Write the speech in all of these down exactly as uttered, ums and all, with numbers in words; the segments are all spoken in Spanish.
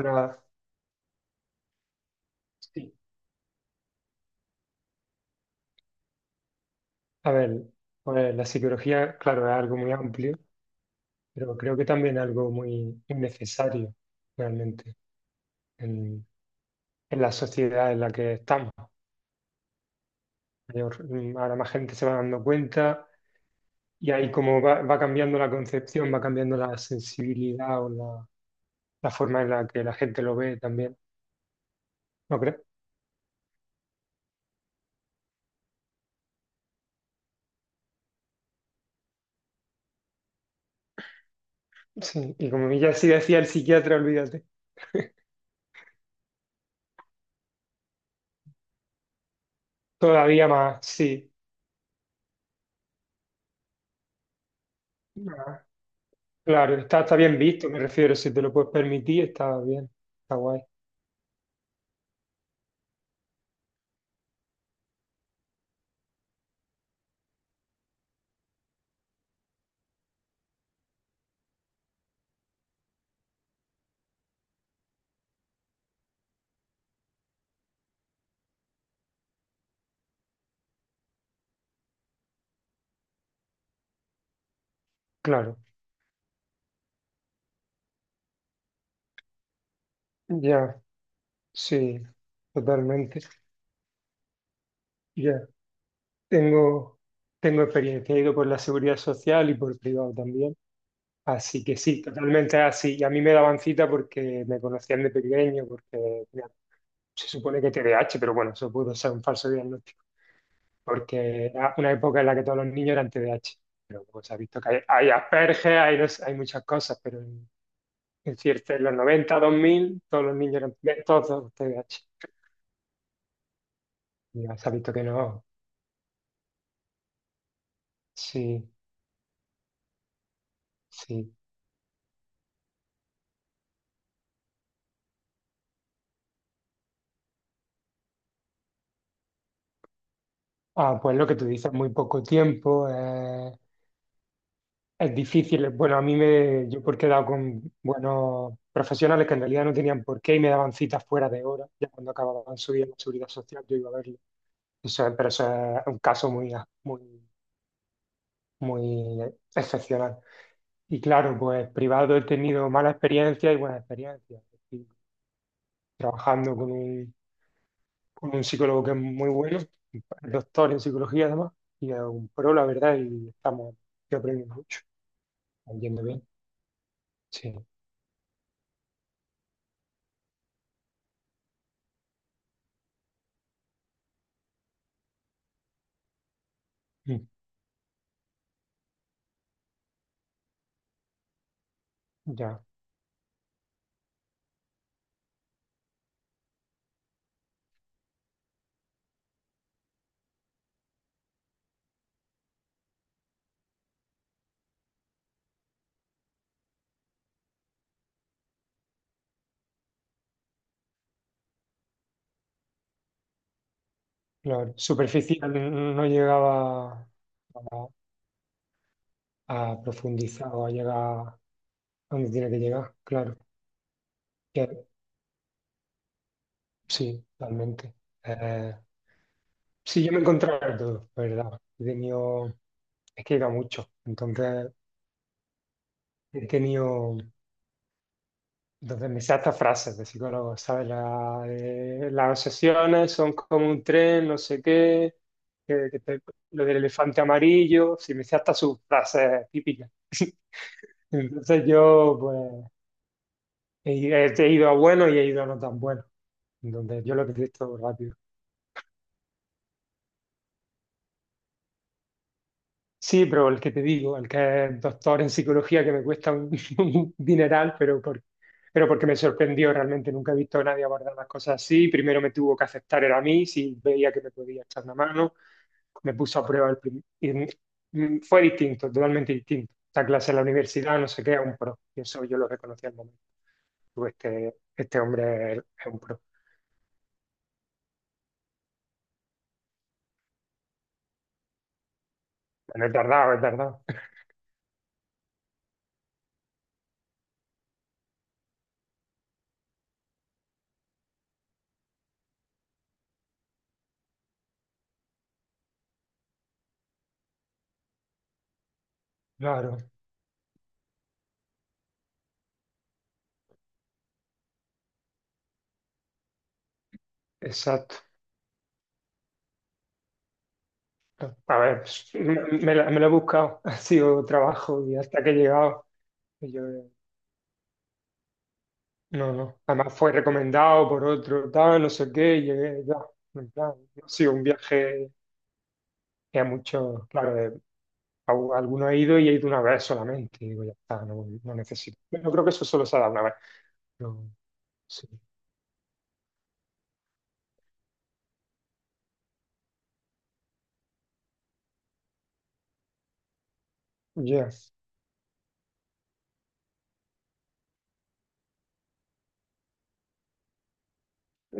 Una, sí. A ver, pues la psicología, claro, es algo muy amplio, pero creo que también es algo muy, muy necesario realmente en, en la sociedad en la que estamos. Mayor- mm, ahora más gente se va dando cuenta y ahí como va, va cambiando la concepción, va cambiando la sensibilidad o la, la forma en la que la gente lo ve también, ¿no crees? Sí, y como ya sí decía el psiquiatra, olvídate, todavía más, sí. Claro, está, está bien visto, me refiero, si te lo puedes permitir, está bien, está guay. Claro, ya, sí, totalmente. Ya, tengo, tengo experiencia, he ido por la seguridad social y por privado también. Así que sí, totalmente así. Y a mí me daban cita porque me conocían de pequeño, porque mira, se supone que T D A H, pero bueno, eso pudo ser un falso diagnóstico, porque era una época en la que todos los niños eran T D A H. Pero pues se ha visto que hay, hay Asperger, hay, no sé, hay muchas cosas, pero en, en cierto, en los noventa, dos mil, todos los niños eran todos T D A H. Ya se ha visto que no, sí. Sí. Ah, pues lo que tú dices, muy poco tiempo, eh, es difícil. Bueno, a mí me, yo porque he dado con buenos profesionales que en realidad no tenían por qué y me daban citas fuera de hora, ya cuando acababan su día en la seguridad social yo iba a verlo. Eso es- pero eso es un caso muy, muy, muy excepcional. Y claro, pues privado he tenido mala experiencia y buena experiencia. Es decir, trabajando con un con un psicólogo que es muy bueno, doctor en psicología además, y es un pro, la verdad, y estamos, yo aprendo mucho, estamos yendo bien, sí, mm, ya, lo superficial no llegaba a, a profundizar o a llegar a donde tiene que llegar, claro, que- sí, totalmente. Eh, sí, yo me he encontrado de todo, la ¿verdad? He tenido, es que he ido a mucho, entonces he tenido... Entonces me sé hasta frases de psicólogos, ¿sabes? La de, las obsesiones son como un tren, no sé qué, que- que te- lo del elefante amarillo, sí, me sé hasta sus frases típicas. Entonces yo, pues, he, he ido a buenos y he ido a no tan buenos. Entonces yo lo he visto rápido. Sí, pero el que te digo, el que es doctor en psicología, que me cuesta un, un dineral, pero, por- pero porque me sorprendió realmente. Nunca he visto a nadie abordar las cosas así. Primero me tuvo que aceptar, era a mí, si veía que me podía echar una mano. Me puso a prueba el prim- y, mm, fue distinto, totalmente distinto. Esta clase en la universidad, no sé qué, es un pro. Y eso yo lo reconocí al momento. Tú, Este, este hombre es, un pro. No es tardado, es tardado. Claro, exacto. A ver, pues, me, me la- me lo he buscado, ha sido trabajo y hasta que he llegado, y yo, eh, no, no, además fue recomendado por otro, tal, no sé qué, y llegué, ya, en plan, no ha sido un viaje que a muchos, claro, de- a, u- alguno he ido y he ido una vez solamente, y digo, ya está, no, no necesito. Yo creo que eso solo se ha dado una vez, pero sí, ya,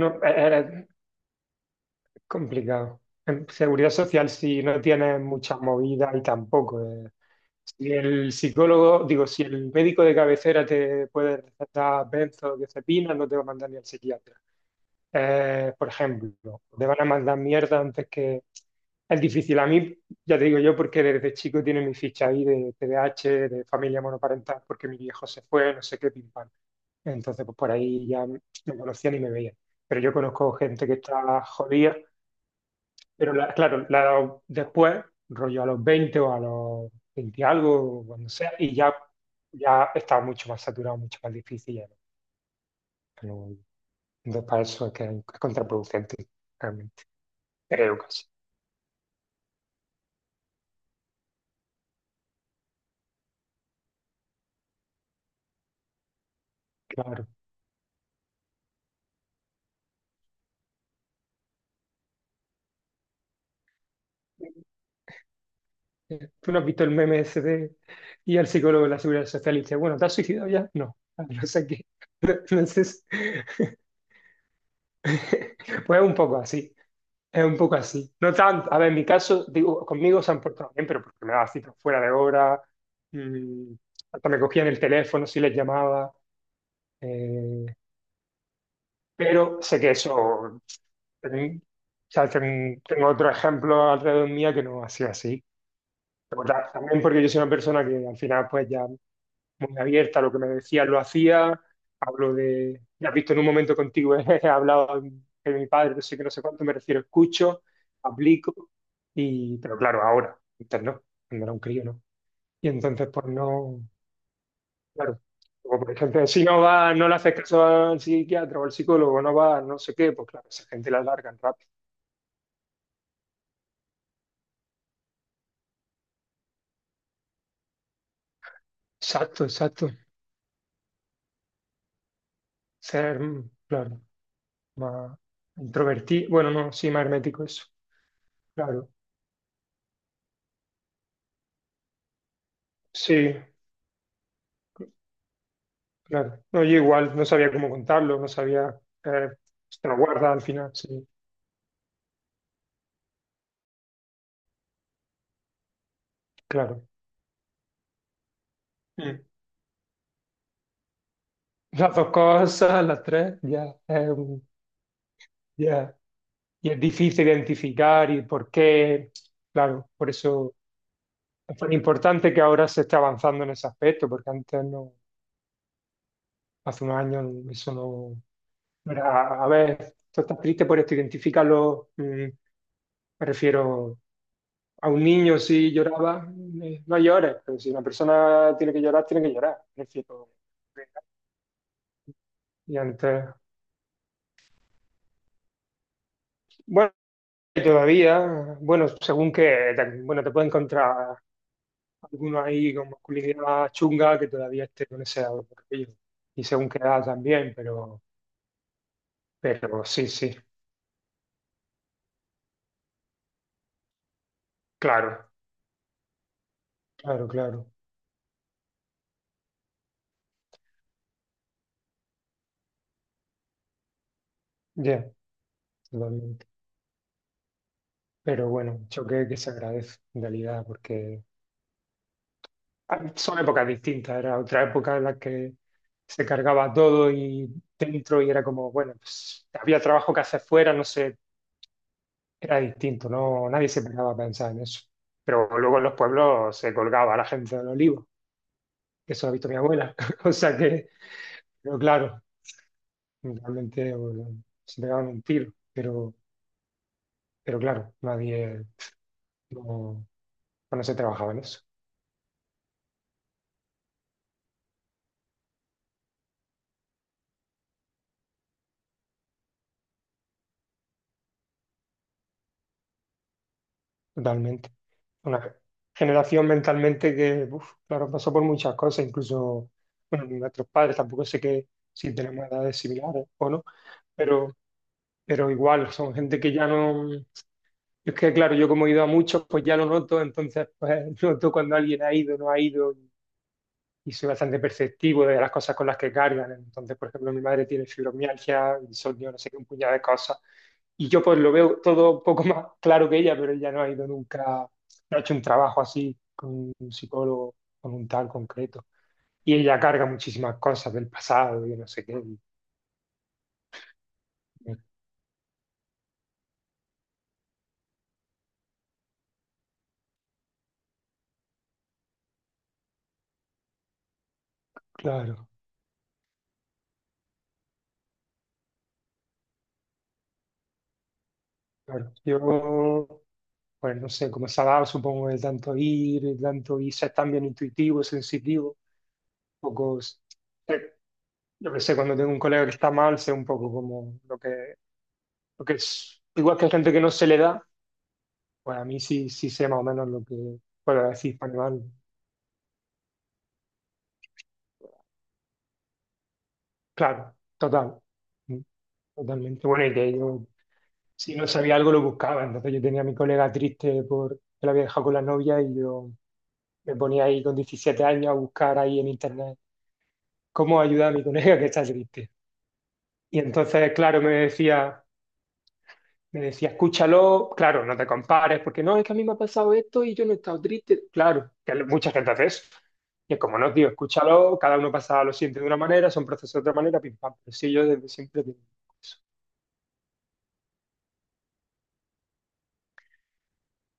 no, e, era complicado. En seguridad social, si no tienes muchas movidas y tampoco. Si el psicólogo, digo, si el médico de cabecera te puede recetar benzodiazepinas, no te va a mandar ni al psiquiatra. Eh, por ejemplo, te van a mandar mierda antes que... Es difícil. A mí, ya te digo yo, porque desde chico tiene mi ficha ahí de T D A H de familia monoparental, porque mi viejo se fue, no sé qué, pim pam. Entonces, pues por ahí ya me conocían y me veían. Pero yo conozco gente que está jodida pero la- claro, la- después, rollo a los veinte o a los veinte y algo, o cuando sea, y ya, ya está mucho más saturado, mucho más difícil. ya no- no- entonces, para eso es que es contraproducente, realmente. Creo que sí, claro. Eh, ¿Tú no has visto el meme ese de y al psicólogo de la Seguridad Social y dice, bueno, ¿te has suicidado ya? No, Ah, no sé qué. Entonces, pues es un poco así. Es un poco así. No tanto. A ver, en mi caso, digo, conmigo se han portado bien, pero porque me daba citas fuera de hora, mm, hasta me cogían el teléfono si les llamaba. eh, pero sé que eso. ten- o sea, ten- tengo otro ejemplo alrededor mía que no ha sido así. Pero ta- También porque yo soy una persona que al final, pues ya. Muy abierta, lo que me decía lo hacía, hablo de, ya has visto en un momento contigo, he hablado de mi padre, no sé qué, no sé cuánto, me refiero, escucho, aplico, y, pero claro, ahora, antes no, cuando era un crío, ¿no? Y entonces, pues no, claro, o por ejemplo, si no va, no le haces caso al psiquiatra o al psicólogo, no va, no sé qué, pues claro, esa gente la largan rápido. Exacto, exacto, ser, mm, claro, más introvertido, bueno, no, sí, más hermético eso, claro, sí, claro. No, yo igual no sabía cómo contarlo, no sabía. eh, si te lo guarda al final, sí, claro. Mm. Las dos cosas, las tres, ya. eh, ya. Y es difícil identificar y por qué. Claro, por eso es tan importante que ahora se esté avanzando en ese aspecto, porque antes no, hace unos años eso no no era. A ver, tú estás triste por esto, identifícalo. mm, Me refiero. A un niño si lloraba, eh, no llores, pero si una persona tiene que llorar, tiene que llorar. Es decir, o- y antes, bueno, todavía, bueno, según que, te- bueno, te puede encontrar alguno ahí con masculinidad chunga que todavía esté con ese aquello. Y según qué edad también, pero, pero sí, sí, claro, claro, claro, ya, totalmente. Pero bueno, un choque que se agradece en realidad, porque son épocas distintas, era otra época en la que se cargaba todo y dentro y era como, bueno, pues, había trabajo que hacer fuera, no sé, era distinto, no, nadie se pegaba a pensar en eso. Pero luego en los pueblos se colgaba a la gente del olivo, que eso lo ha visto mi abuela, o sea que, pero claro, realmente bueno, se pegaban un tiro, pero, pero, claro, nadie, no, no se trabajaba en eso, totalmente. Una generación mentalmente que, uf, claro, pasó por muchas cosas, incluso, bueno, nuestros padres, tampoco sé que si tenemos edades similares o no, pero, pero igual, son gente que ya no... Es que, claro, yo como he ido a muchos, pues ya lo noto, entonces, pues noto cuando alguien ha ido, no ha ido, y soy bastante perceptivo de las cosas con las que cargan. Entonces, por ejemplo, mi madre tiene fibromialgia, insomnio, no sé qué, un puñado de cosas. Y yo pues lo veo todo un poco más claro que ella, pero ella no ha ido nunca, no ha hecho un trabajo así con un psicólogo, con un tal concreto. Y ella carga muchísimas cosas del pasado y no sé qué. Y- y claro, claro. Yo, bueno, no sé, como se ha dado, supongo, de tanto ir, de tanto y ser tan bien intuitivo, sensitivo, un poco yo que sé, cuando tengo un colega que está mal, sé un poco como lo que, lo que es. Igual que hay gente que no se le da, pues a mí sí, sí sé más o menos lo que puedo decir para mal. Claro, total. mm, Totalmente. Bueno, y que yo, si no sabía algo, lo buscaba. Entonces yo tenía a mi colega triste por que la había dejado con la novia y yo me ponía ahí con diecisiete años a buscar ahí en internet cómo ayudar a mi colega que está triste. Y entonces, claro, me decía. Me decía, escúchalo, claro, no te compares, porque no, es que a mí me ha pasado esto y yo no he estado triste. Claro, que mucha gente hace eso. Y es como, no, tío, escúchalo, cada uno pasa lo siguiente de una manera, son procesos de otra manera, pim pam. Pero sí, yo desde siempre tengo eso.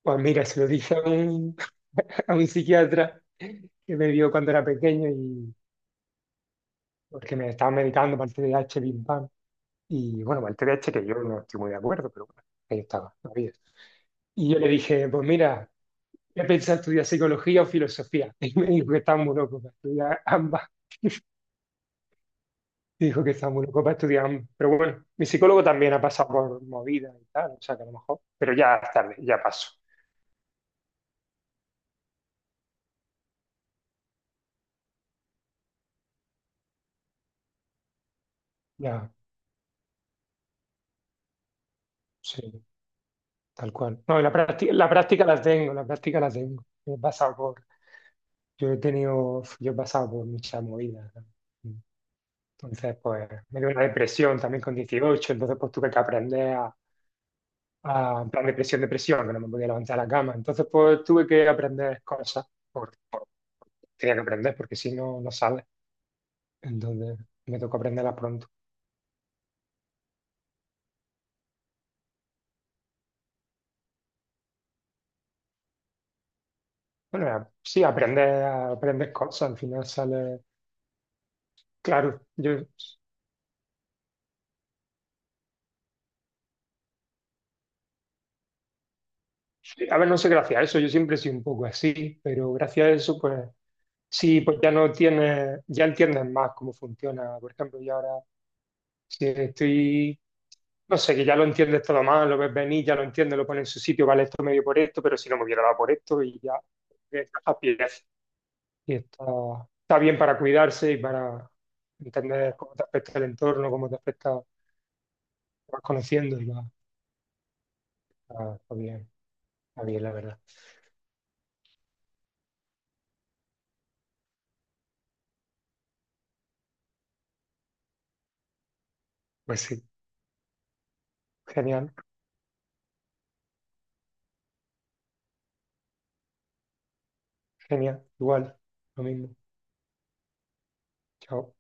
Pues mira, se lo dije a un, a un psiquiatra que me vio cuando era pequeño y porque me estaba medicando para el T D A H pim pam. Y bueno, para el T D A H que yo no estoy muy de acuerdo, pero bueno, ahí estaba, no había. Y yo le dije, pues mira. Yo pensaba estudiar psicología o filosofía. Y me dijo que estaba muy loco para estudiar ambas. Me dijo que estaba muy loco para estudiar ambas. Pero bueno, mi psicólogo también ha pasado por movidas y tal, o sea que a lo mejor. Pero ya es tarde, ya paso. Ya, sí, tal cual. No, y la práctica, la práctica la tengo, la práctica la tengo. Yo he pasado por, yo he tenido, yo he pasado por muchas movidas. ¿No? Entonces, pues, me dio una depresión también con dieciocho. Entonces pues tuve que aprender a, ah, en plan depresión, depresión, que no me podía levantar de la cama. Entonces, pues tuve que aprender cosas, por, por- tenía que aprender, porque si no, no sale. Entonces, me tocó aprenderlas pronto. Bueno, era- sí, aprendes, aprendes cosas, al final sale, claro, yo sí, a ver, no sé, gracias a eso, yo siempre soy un poco así, pero gracias a eso, pues sí, pues ya no tienes, ya entiendes más cómo funciona. Por ejemplo, yo ahora, si estoy, no sé, que ya lo entiendes todo más, lo ves venir, ya lo entiendes, lo pones en su sitio, vale, esto medio por esto, pero si no me hubiera dado por esto, y ya, eh, a pies. Y está, está bien para cuidarse y para entender cómo te afecta el entorno, cómo te afecta, te vas conociendo y va, está, está bien, está bien, la verdad. Pues sí, genial. Genial, igual, lo mismo. Chao.